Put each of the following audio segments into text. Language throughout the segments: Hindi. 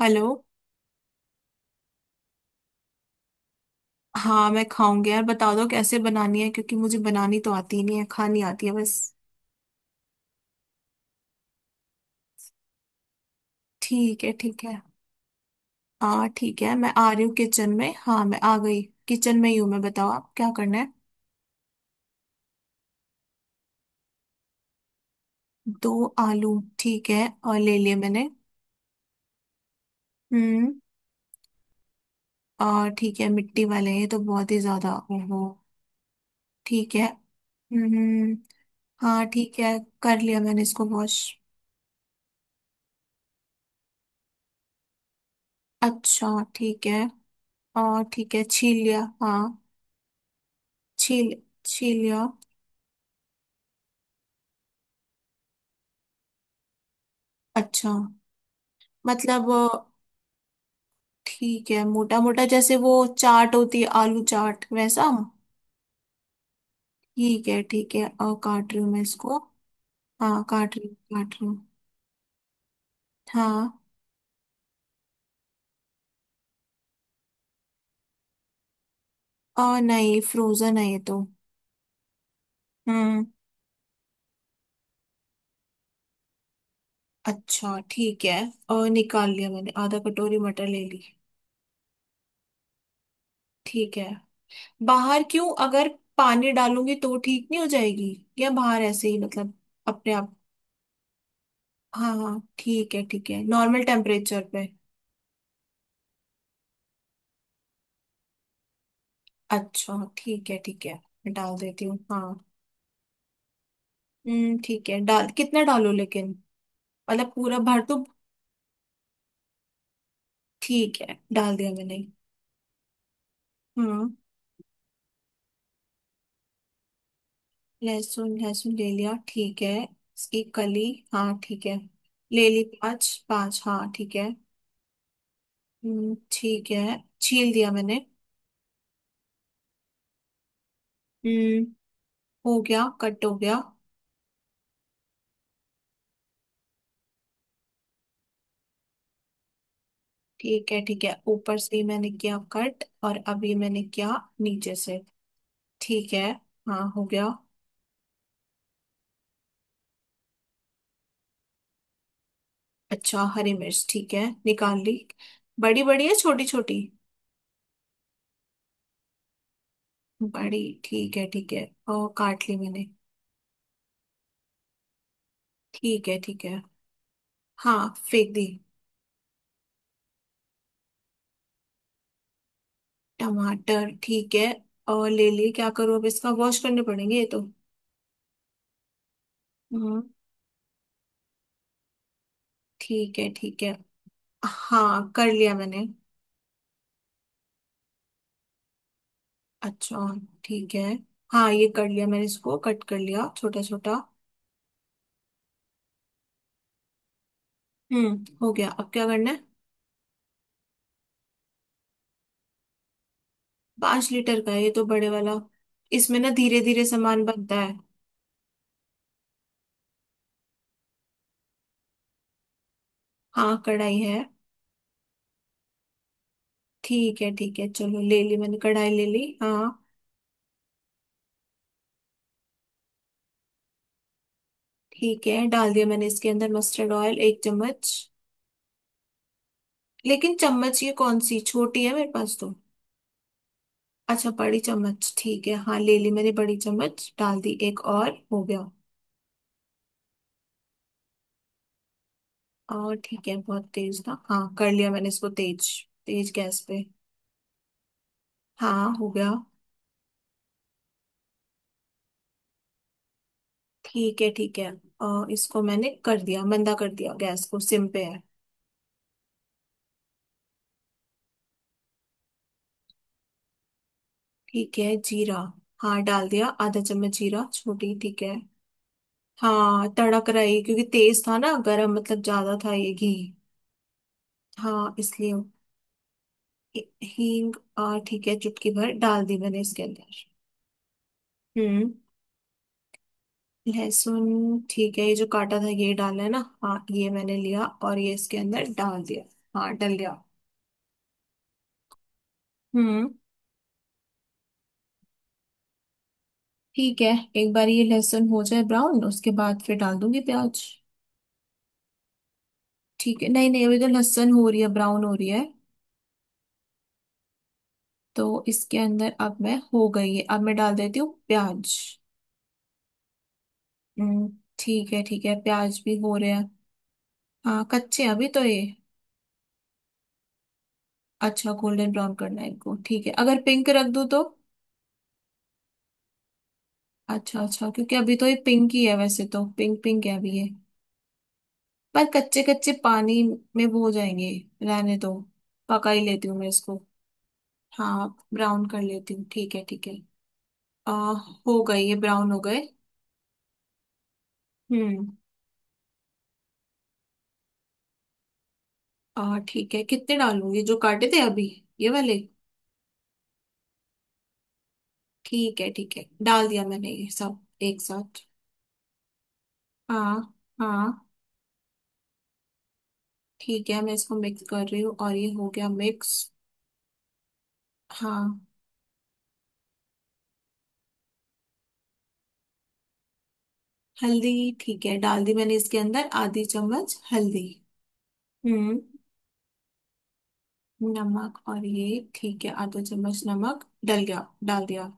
हेलो। हाँ मैं खाऊंगी यार, बता दो कैसे बनानी है, क्योंकि मुझे बनानी तो आती ही नहीं है, खानी आती है बस। ठीक है ठीक है। हाँ ठीक है, मैं आ रही हूँ किचन में। हाँ मैं आ गई। किचन में ही हूँ मैं, बताओ आप क्या करना है। दो आलू। ठीक है, और ले लिए मैंने। हम्म। और ठीक है, मिट्टी वाले हैं ये तो बहुत ही ज्यादा, ओहो। ठीक है। हम्म। हाँ ठीक है, कर लिया मैंने इसको वॉश। अच्छा ठीक है। और ठीक है, छील लिया हाँ। छील, छील लिया। अच्छा। मतलब ठीक है, मोटा मोटा जैसे वो चाट होती है, आलू चाट वैसा। ठीक है ठीक है, और काट रही हूँ मैं इसको। हाँ काट रही हूँ, काट रही हूँ। हाँ। और नहीं, फ्रोजन है ये तो। हम्म। अच्छा ठीक है। और निकाल लिया मैंने, आधा कटोरी मटर ले ली। ठीक है। बाहर क्यों? अगर पानी डालूंगी तो ठीक नहीं हो जाएगी? या बाहर ऐसे ही मतलब अपने आप? हाँ हाँ, ठीक है ठीक है, नॉर्मल टेम्परेचर पे। अच्छा ठीक है ठीक है, मैं डाल देती हूँ हाँ। हम्म। ठीक है, डाल कितना डालूं लेकिन? मतलब पूरा भर तो? ठीक है, डाल दिया मैंने। हम्म। लहसुन, लहसुन ले लिया। ठीक है, इसकी कली। हाँ ठीक है, ले ली। पाँच पाँच, हाँ ठीक है। हम्म, ठीक है, छील दिया मैंने। हम्म, हो गया, कट हो गया। ठीक है ठीक है, ऊपर से ही मैंने किया कट, और अभी मैंने किया नीचे से। ठीक है। हाँ हो गया। अच्छा, हरी मिर्च ठीक है, निकाल ली। बड़ी बड़ी है छोटी छोटी? बड़ी, ठीक है ठीक है, और काट ली मैंने। ठीक है ठीक है। हाँ फेंक दी। टमाटर ठीक है, और ले लिए। क्या करूँ, अब इसका वॉश करने पड़ेंगे ये तो। हम्म। ठीक है ठीक है, हाँ कर लिया मैंने। अच्छा ठीक है। हाँ ये कर लिया मैंने, इसको कट कर लिया छोटा छोटा। हम्म, हो गया, अब क्या करना है? पांच लीटर का है ये तो, बड़े वाला। इसमें ना धीरे धीरे सामान बनता है। हाँ कढ़ाई है। ठीक है ठीक है, चलो ले ली मैंने, कढ़ाई ले ली हाँ। ठीक है, डाल दिया मैंने इसके अंदर मस्टर्ड ऑयल, एक चम्मच। लेकिन चम्मच ये कौन सी, छोटी है मेरे पास तो। अच्छा बड़ी चम्मच, ठीक है। हाँ ले ली मैंने बड़ी चम्मच, डाल दी एक, और हो गया। और ठीक है, बहुत तेज था। हाँ कर लिया मैंने इसको तेज, तेज गैस पे। हाँ हो गया। ठीक है ठीक है, और इसको मैंने कर दिया मंदा, कर दिया गैस को, सिम पे है। ठीक है, जीरा, हाँ डाल दिया आधा चम्मच जीरा, छोटी, ठीक है। हाँ तड़क रही, क्योंकि तेज था ना गरम, मतलब ज्यादा था ये घी। हाँ इसलिए। हींग ठीक है, चुटकी भर डाल दी मैंने इसके अंदर। हम्म। लहसुन ठीक है, ये जो काटा था ये डाला है ना। हाँ ये मैंने लिया और ये इसके अंदर डाल दिया। हाँ डल गया। हम्म ठीक है, एक बार ये लहसुन हो जाए ब्राउन, उसके बाद फिर डाल दूंगी प्याज। ठीक है, नहीं नहीं, अभी तो लहसुन हो रही है ब्राउन, हो रही है। तो इसके अंदर अब मैं, हो गई है, अब मैं डाल देती हूँ प्याज। हम्म। ठीक है ठीक है, प्याज भी हो रहे हैं। हाँ कच्चे हैं अभी तो ये। अच्छा, गोल्डन ब्राउन करना है इनको, ठीक है। अगर पिंक रख दूँ तो? अच्छा अच्छा, क्योंकि अभी तो ये पिंक ही है, वैसे तो पिंक पिंक है अभी ये। पर कच्चे कच्चे पानी में वो हो जाएंगे। रहने दो, पका ही लेती हूँ मैं इसको। हाँ ब्राउन कर लेती हूँ, ठीक है ठीक है। आ, हो गए ये, ब्राउन हो गए। हम्म। ठीक है, कितने डालूंगी? जो काटे थे अभी ये वाले? ठीक है ठीक है, डाल दिया मैंने ये सब एक साथ। हाँ हाँ। ठीक है, मैं इसको मिक्स कर रही हूँ, और ये हो गया मिक्स। हाँ। हल्दी ठीक है, डाल दी मैंने इसके अंदर आधी चम्मच हल्दी। हम्म। नमक, और ये ठीक है, आधा चम्मच नमक डल गया, डाल दिया।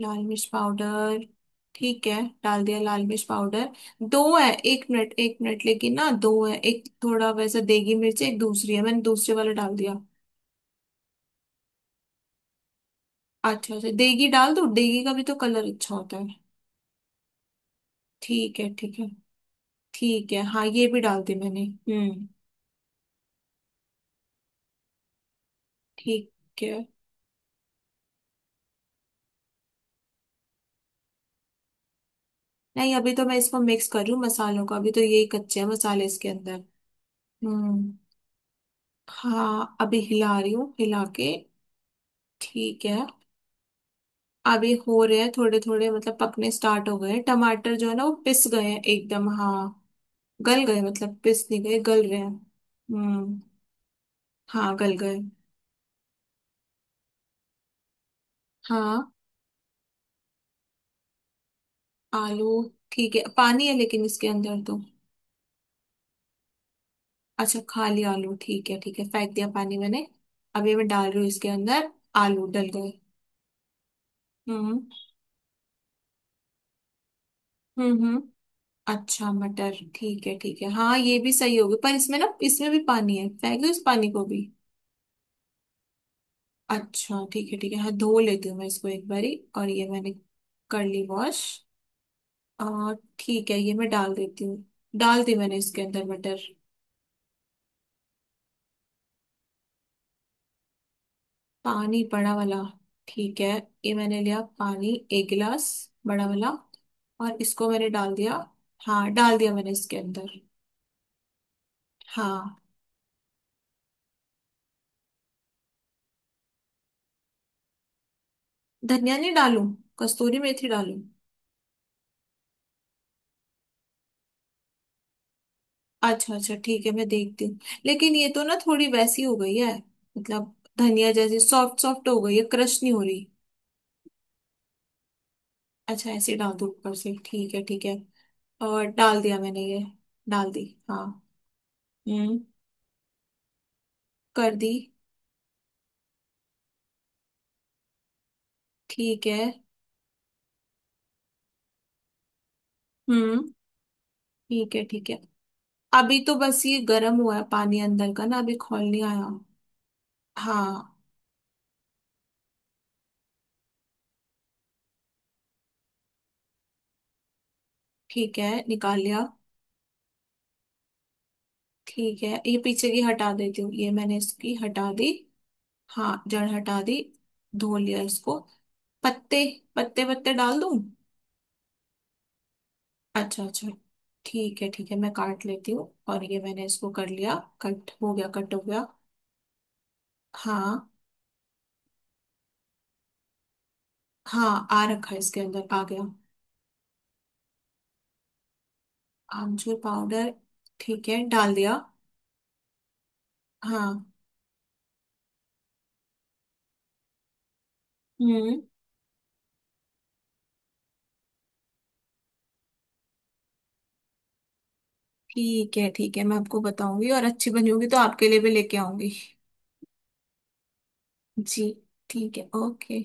लाल मिर्च पाउडर, ठीक है, डाल दिया लाल मिर्च पाउडर। दो है, एक मिनट एक मिनट, लेकिन ना दो है, एक थोड़ा वैसा देगी मिर्च, एक दूसरी है, मैंने दूसरे वाला डाल दिया। अच्छा अच्छा, देगी डाल दो, देगी का भी तो कलर अच्छा होता है। ठीक है ठीक है। ठीक है हाँ, ये भी डाल दी मैंने। हम्म। ठीक है नहीं, अभी तो मैं इसको मिक्स कर रही हूँ मसालों को, अभी तो यही कच्चे हैं मसाले इसके अंदर। हम्म। हाँ अभी हिला रही हूँ, हिला के। ठीक है, अभी हो रहे हैं थोड़े थोड़े, मतलब पकने स्टार्ट हो गए हैं। टमाटर जो है ना, वो पिस गए हैं एकदम हाँ। गल गए, मतलब पिस नहीं गए, गल रहे हैं। हम्म। हाँ गल गए। हाँ। आलू ठीक है, पानी है लेकिन इसके अंदर तो। अच्छा खाली आलू, ठीक है ठीक है, फेंक दिया पानी मैंने। अभी मैं डाल रही हूँ इसके अंदर। आलू डल गए। हम्म हम्म। अच्छा मटर ठीक है ठीक है, हाँ ये भी सही होगी, पर इसमें ना, इसमें भी पानी है, फेंक दो इस पानी को भी। अच्छा ठीक है ठीक है, हाँ धो लेती हूँ मैं इसको एक बारी, और ये मैंने कर ली वॉश। और ठीक है, ये मैं डाल देती हूँ, डाल दी मैंने इसके अंदर मटर। पानी? बड़ा वाला? ठीक है, ये मैंने लिया पानी एक गिलास, बड़ा वाला। और इसको मैंने डाल दिया। हाँ डाल दिया मैंने इसके अंदर। हाँ। धनिया नहीं डालूं? कस्तूरी मेथी डालूं? अच्छा अच्छा ठीक है, मैं देखती हूँ। लेकिन ये तो ना, थोड़ी वैसी हो गई है, मतलब धनिया जैसी, सॉफ्ट सॉफ्ट हो गई है, क्रश नहीं हो रही। अच्छा ऐसे डाल दो ऊपर से, ठीक है ठीक है। और डाल दिया मैंने ये। डाल दी हाँ। हम्म। कर दी। ठीक है। हम्म। ठीक है ठीक है। अभी तो बस ये गर्म हुआ है, पानी अंदर का ना, अभी खोल नहीं आया। हाँ। ठीक है निकाल लिया। ठीक है ये पीछे की हटा देती हूँ, ये मैंने इसकी हटा दी। हाँ जड़ हटा दी। धो लिया इसको। पत्ते, पत्ते पत्ते डाल दूं? अच्छा अच्छा। ठीक है ठीक है, मैं काट लेती हूँ, और ये मैंने इसको कर लिया। कट हो गया, कट हो गया। हाँ। हाँ आ रखा है, इसके अंदर आ गया। आमचूर पाउडर, ठीक है डाल दिया। हाँ। हम्म। ठीक है ठीक है, मैं आपको बताऊंगी, और अच्छी बनी होगी तो आपके लिए भी लेके आऊंगी। जी। ठीक है, ओके।